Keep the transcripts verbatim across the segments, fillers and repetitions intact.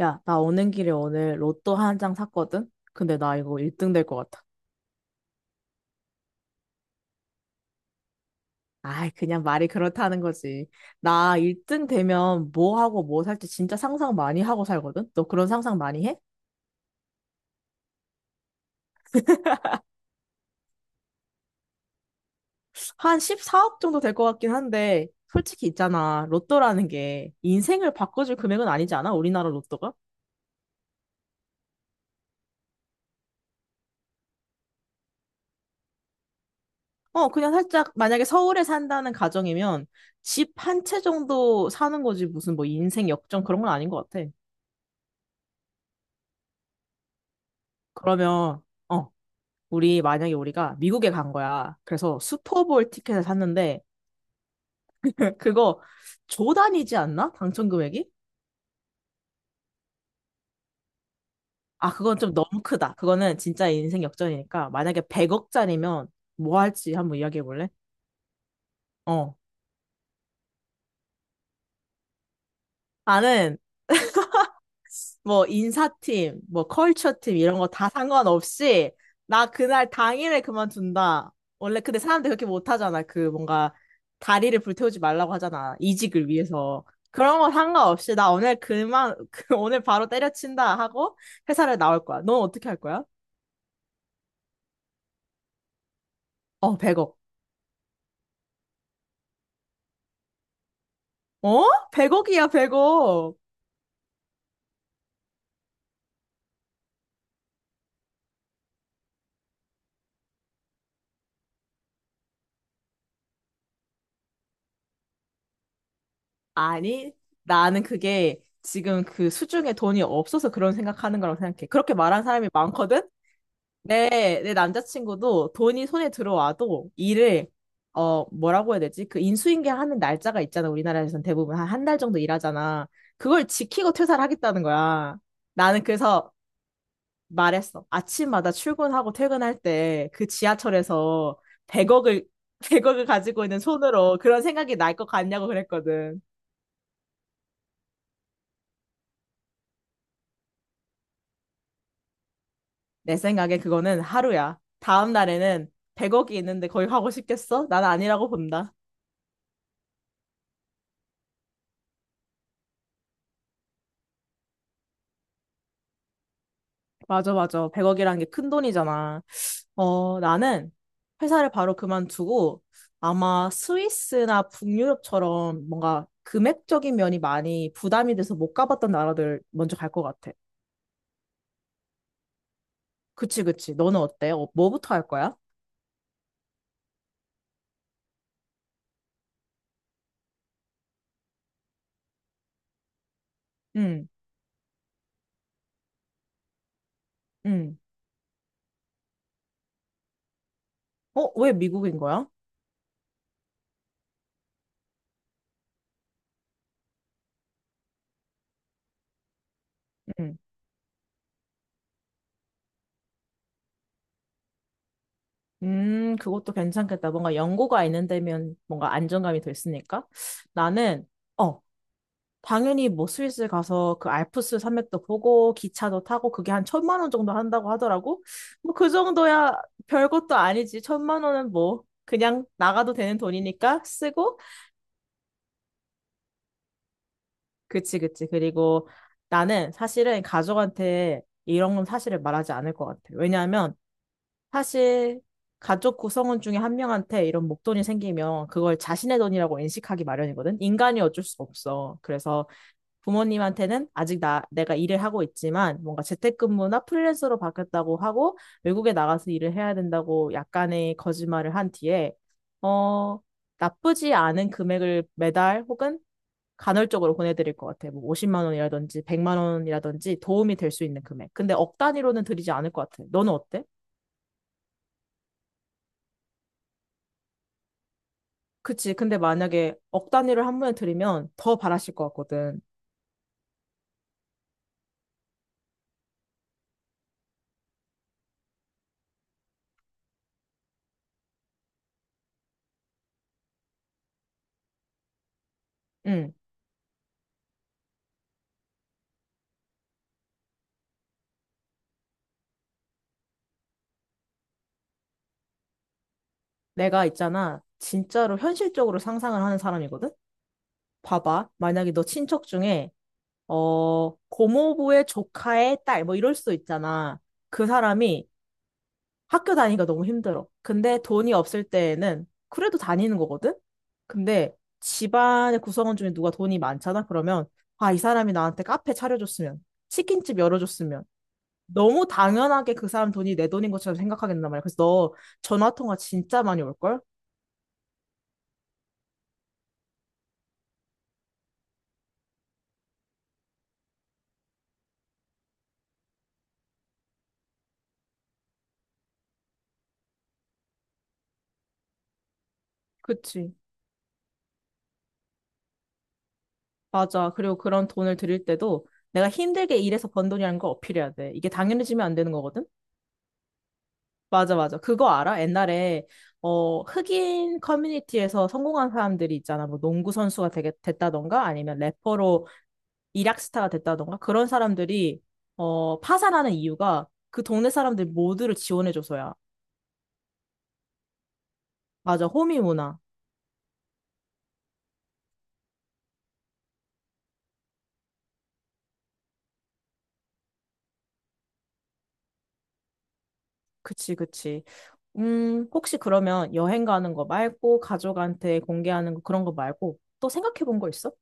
야, 나 오는 길에 오늘 로또 한 장 샀거든? 근데 나 이거 일 등 될 것 같아. 아이, 그냥 말이 그렇다는 거지. 나 일 등 되면 뭐 하고 뭐 살지 진짜 상상 많이 하고 살거든? 너 그런 상상 많이 해? 한 십사 억 정도 될 것 같긴 한데, 솔직히 있잖아. 로또라는 게 인생을 바꿔줄 금액은 아니지 않아? 우리나라 로또가? 어, 그냥 살짝, 만약에 서울에 산다는 가정이면 집 한 채 정도 사는 거지. 무슨 뭐 인생 역전 그런 건 아닌 것 같아. 그러면, 어 우리 만약에 우리가 미국에 간 거야. 그래서 슈퍼볼 티켓을 샀는데 그거 조 단위지 않나? 당첨 금액이? 아, 그건 좀 너무 크다. 그거는 진짜 인생 역전이니까 만약에 백억짜리면 뭐 할지 한번 이야기해 볼래? 어. 나는 뭐 인사팀, 뭐 컬처팀 이런 거 다 상관없이 나 그날 당일에 그만둔다. 원래 근데 사람들이 그렇게 못하잖아. 그 뭔가 다리를 불태우지 말라고 하잖아. 이직을 위해서. 그런 거 상관없이 나 오늘 그만 그 오늘 바로 때려친다 하고 회사를 나올 거야. 넌 어떻게 할 거야? 어, 백억. 어? 백억이야, 백억. 아니, 나는 그게 지금 그 수중에 돈이 없어서 그런 생각하는 거라고 생각해. 그렇게 말한 사람이 많거든? 내, 내 남자친구도 돈이 손에 들어와도 일을, 어, 뭐라고 해야 되지? 그 인수인계하는 날짜가 있잖아. 우리나라에서는 대부분 한 한 달 정도 일하잖아. 그걸 지키고 퇴사를 하겠다는 거야. 나는 그래서 말했어. 아침마다 출근하고 퇴근할 때 그 지하철에서 백억을, 백억을 가지고 있는 손으로 그런 생각이 날 것 같냐고 그랬거든. 내 생각에 그거는 하루야. 다음 날에는 백억이 있는데 거기 가고 싶겠어? 난 아니라고 본다. 맞아, 맞아. 백억이라는 게 큰 돈이잖아. 어, 나는 회사를 바로 그만두고 아마 스위스나 북유럽처럼 뭔가 금액적인 면이 많이 부담이 돼서 못 가봤던 나라들 먼저 갈 것 같아. 그치, 그치. 너는 어때? 어, 뭐부터 할 거야? 응, 응. 어, 왜 미국인 거야? 응. 음, 그것도 괜찮겠다. 뭔가 연고가 있는 데면 뭔가 안정감이 더 있으니까. 나는, 어, 당연히 뭐 스위스 가서 그 알프스 산맥도 보고 기차도 타고 그게 한 천만 원 정도 한다고 하더라고. 뭐 그 정도야 별것도 아니지. 천만 원은 뭐 그냥 나가도 되는 돈이니까 쓰고. 그치, 그치. 그리고 나는 사실은 가족한테 이런 건 사실을 말하지 않을 것 같아. 왜냐하면 사실 가족 구성원 중에 한 명한테 이런 목돈이 생기면 그걸 자신의 돈이라고 인식하기 마련이거든. 인간이 어쩔 수 없어. 그래서 부모님한테는 아직 나, 내가 일을 하고 있지만 뭔가 재택근무나 프리랜서로 바뀌었다고 하고 외국에 나가서 일을 해야 된다고 약간의 거짓말을 한 뒤에 어, 나쁘지 않은 금액을 매달 혹은 간헐적으로 보내드릴 것 같아. 뭐 오십만 원이라든지 백만 원이라든지 도움이 될 수 있는 금액. 근데 억 단위로는 드리지 않을 것 같아. 너는 어때? 그치. 근데 만약에 억 단위를 한 번에 드리면 더 바라실 것 같거든. 응. 내가 있잖아. 진짜로 현실적으로 상상을 하는 사람이거든. 봐봐. 만약에 너 친척 중에, 어, 고모부의 조카의 딸, 뭐 이럴 수도 있잖아. 그 사람이 학교 다니기가 너무 힘들어. 근데 돈이 없을 때에는 그래도 다니는 거거든? 근데 집안의 구성원 중에 누가 돈이 많잖아? 그러면, 아, 이 사람이 나한테 카페 차려줬으면, 치킨집 열어줬으면, 너무 당연하게 그 사람 돈이 내 돈인 것처럼 생각하겠단 말이야. 그래서 너 전화통화 진짜 많이 올걸? 그치. 맞아. 그리고 그런 돈을 드릴 때도 내가 힘들게 일해서 번 돈이라는 걸 어필해야 돼. 이게 당연해지면 안 되는 거거든? 맞아, 맞아. 그거 알아? 옛날에, 어, 흑인 커뮤니티에서 성공한 사람들이 있잖아. 뭐 농구 선수가 되게 됐다던가 아니면 래퍼로 일약스타가 됐다던가 그런 사람들이, 어, 파산하는 이유가 그 동네 사람들 모두를 지원해줘서야. 맞아. 호미 문화. 그치, 그치. 음, 혹시 그러면 여행 가는 거 말고 가족한테 공개하는 거 그런 거 말고 또 생각해 본 거 있어?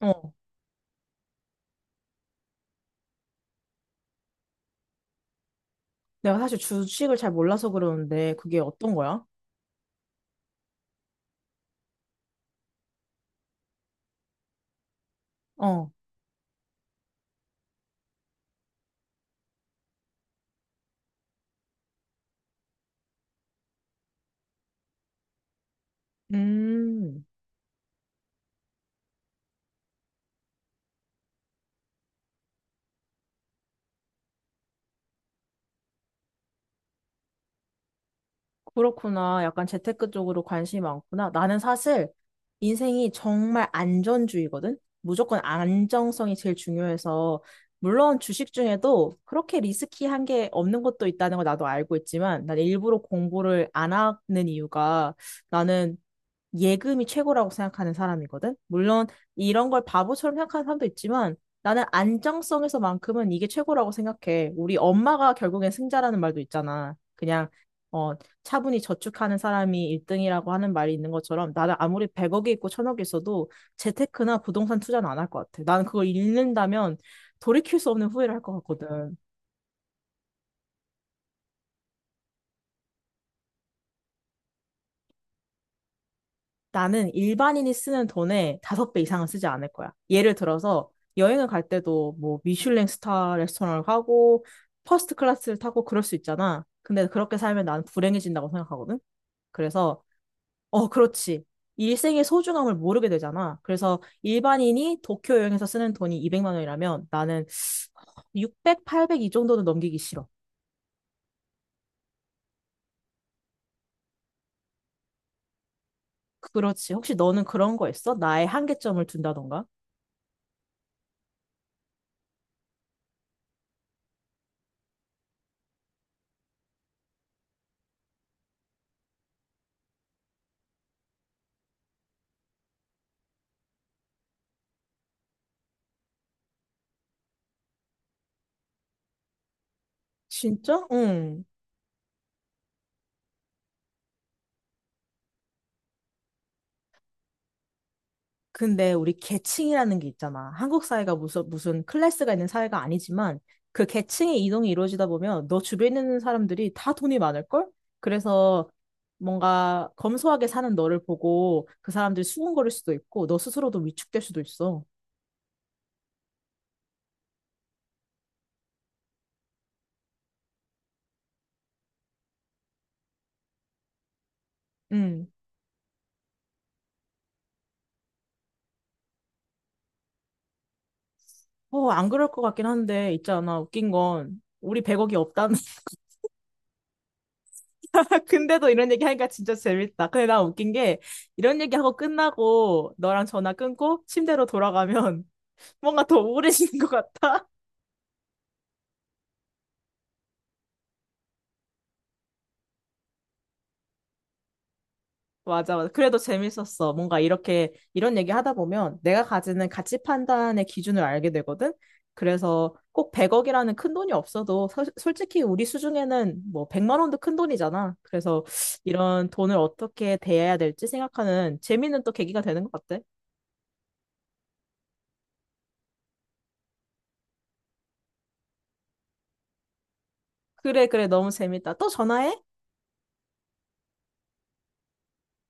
어. 내가 사실 주식을 잘 몰라서 그러는데 그게 어떤 거야? 어. 음, 그렇구나. 약간 재테크 쪽으로 관심이 많구나. 나는 사실 인생이 정말 안전주의거든? 무조건 안정성이 제일 중요해서, 물론 주식 중에도 그렇게 리스키한 게 없는 것도 있다는 걸 나도 알고 있지만, 난 일부러 공부를 안 하는 이유가 나는 예금이 최고라고 생각하는 사람이거든. 물론 이런 걸 바보처럼 생각하는 사람도 있지만 나는 안정성에서만큼은 이게 최고라고 생각해. 우리 엄마가 결국엔 승자라는 말도 있잖아. 그냥 어, 차분히 저축하는 사람이 일 등이라고 하는 말이 있는 것처럼 나는 아무리 백억이 있고 천억이 있어도 재테크나 부동산 투자는 안 할 것 같아. 나는 그걸 잃는다면 돌이킬 수 없는 후회를 할 것 같거든. 나는 일반인이 쓰는 돈의 다섯 배 이상은 쓰지 않을 거야. 예를 들어서 여행을 갈 때도 뭐 미슐랭 스타 레스토랑을 가고 퍼스트 클래스를 타고 그럴 수 있잖아. 근데 그렇게 살면 나는 불행해진다고 생각하거든. 그래서 어, 그렇지. 일생의 소중함을 모르게 되잖아. 그래서 일반인이 도쿄 여행에서 쓰는 돈이 이백만 원이라면 나는 육백, 팔백 이 정도는 넘기기 싫어. 그렇지. 혹시 너는 그런 거 있어? 나의 한계점을 둔다던가? 진짜? 응. 근데 우리 계층이라는 게 있잖아. 한국 사회가 무슨, 무슨 클래스가 있는 사회가 아니지만 그 계층의 이동이 이루어지다 보면 너 주변에 있는 사람들이 다 돈이 많을걸? 그래서 뭔가 검소하게 사는 너를 보고 그 사람들이 수군거릴 수도 있고 너 스스로도 위축될 수도 있어. 음. 어, 안 그럴 것 같긴 한데 있잖아. 웃긴 건 우리 백억이 없다는 근데도 이런 얘기 하니까 진짜 재밌다. 근데 나 웃긴 게 이런 얘기하고 끝나고 너랑 전화 끊고 침대로 돌아가면 뭔가 더 오래 지는 것 같아. 맞아, 맞아. 그래도 재밌었어. 뭔가 이렇게, 이런 얘기 하다 보면 내가 가지는 가치 판단의 기준을 알게 되거든? 그래서 꼭 백억이라는 큰 돈이 없어도 서- 솔직히 우리 수중에는 뭐 백만 원도 큰 돈이잖아. 그래서 이런 돈을 어떻게 대해야 될지 생각하는 재미는 또 계기가 되는 것 같아. 그래, 그래. 너무 재밌다. 또 전화해.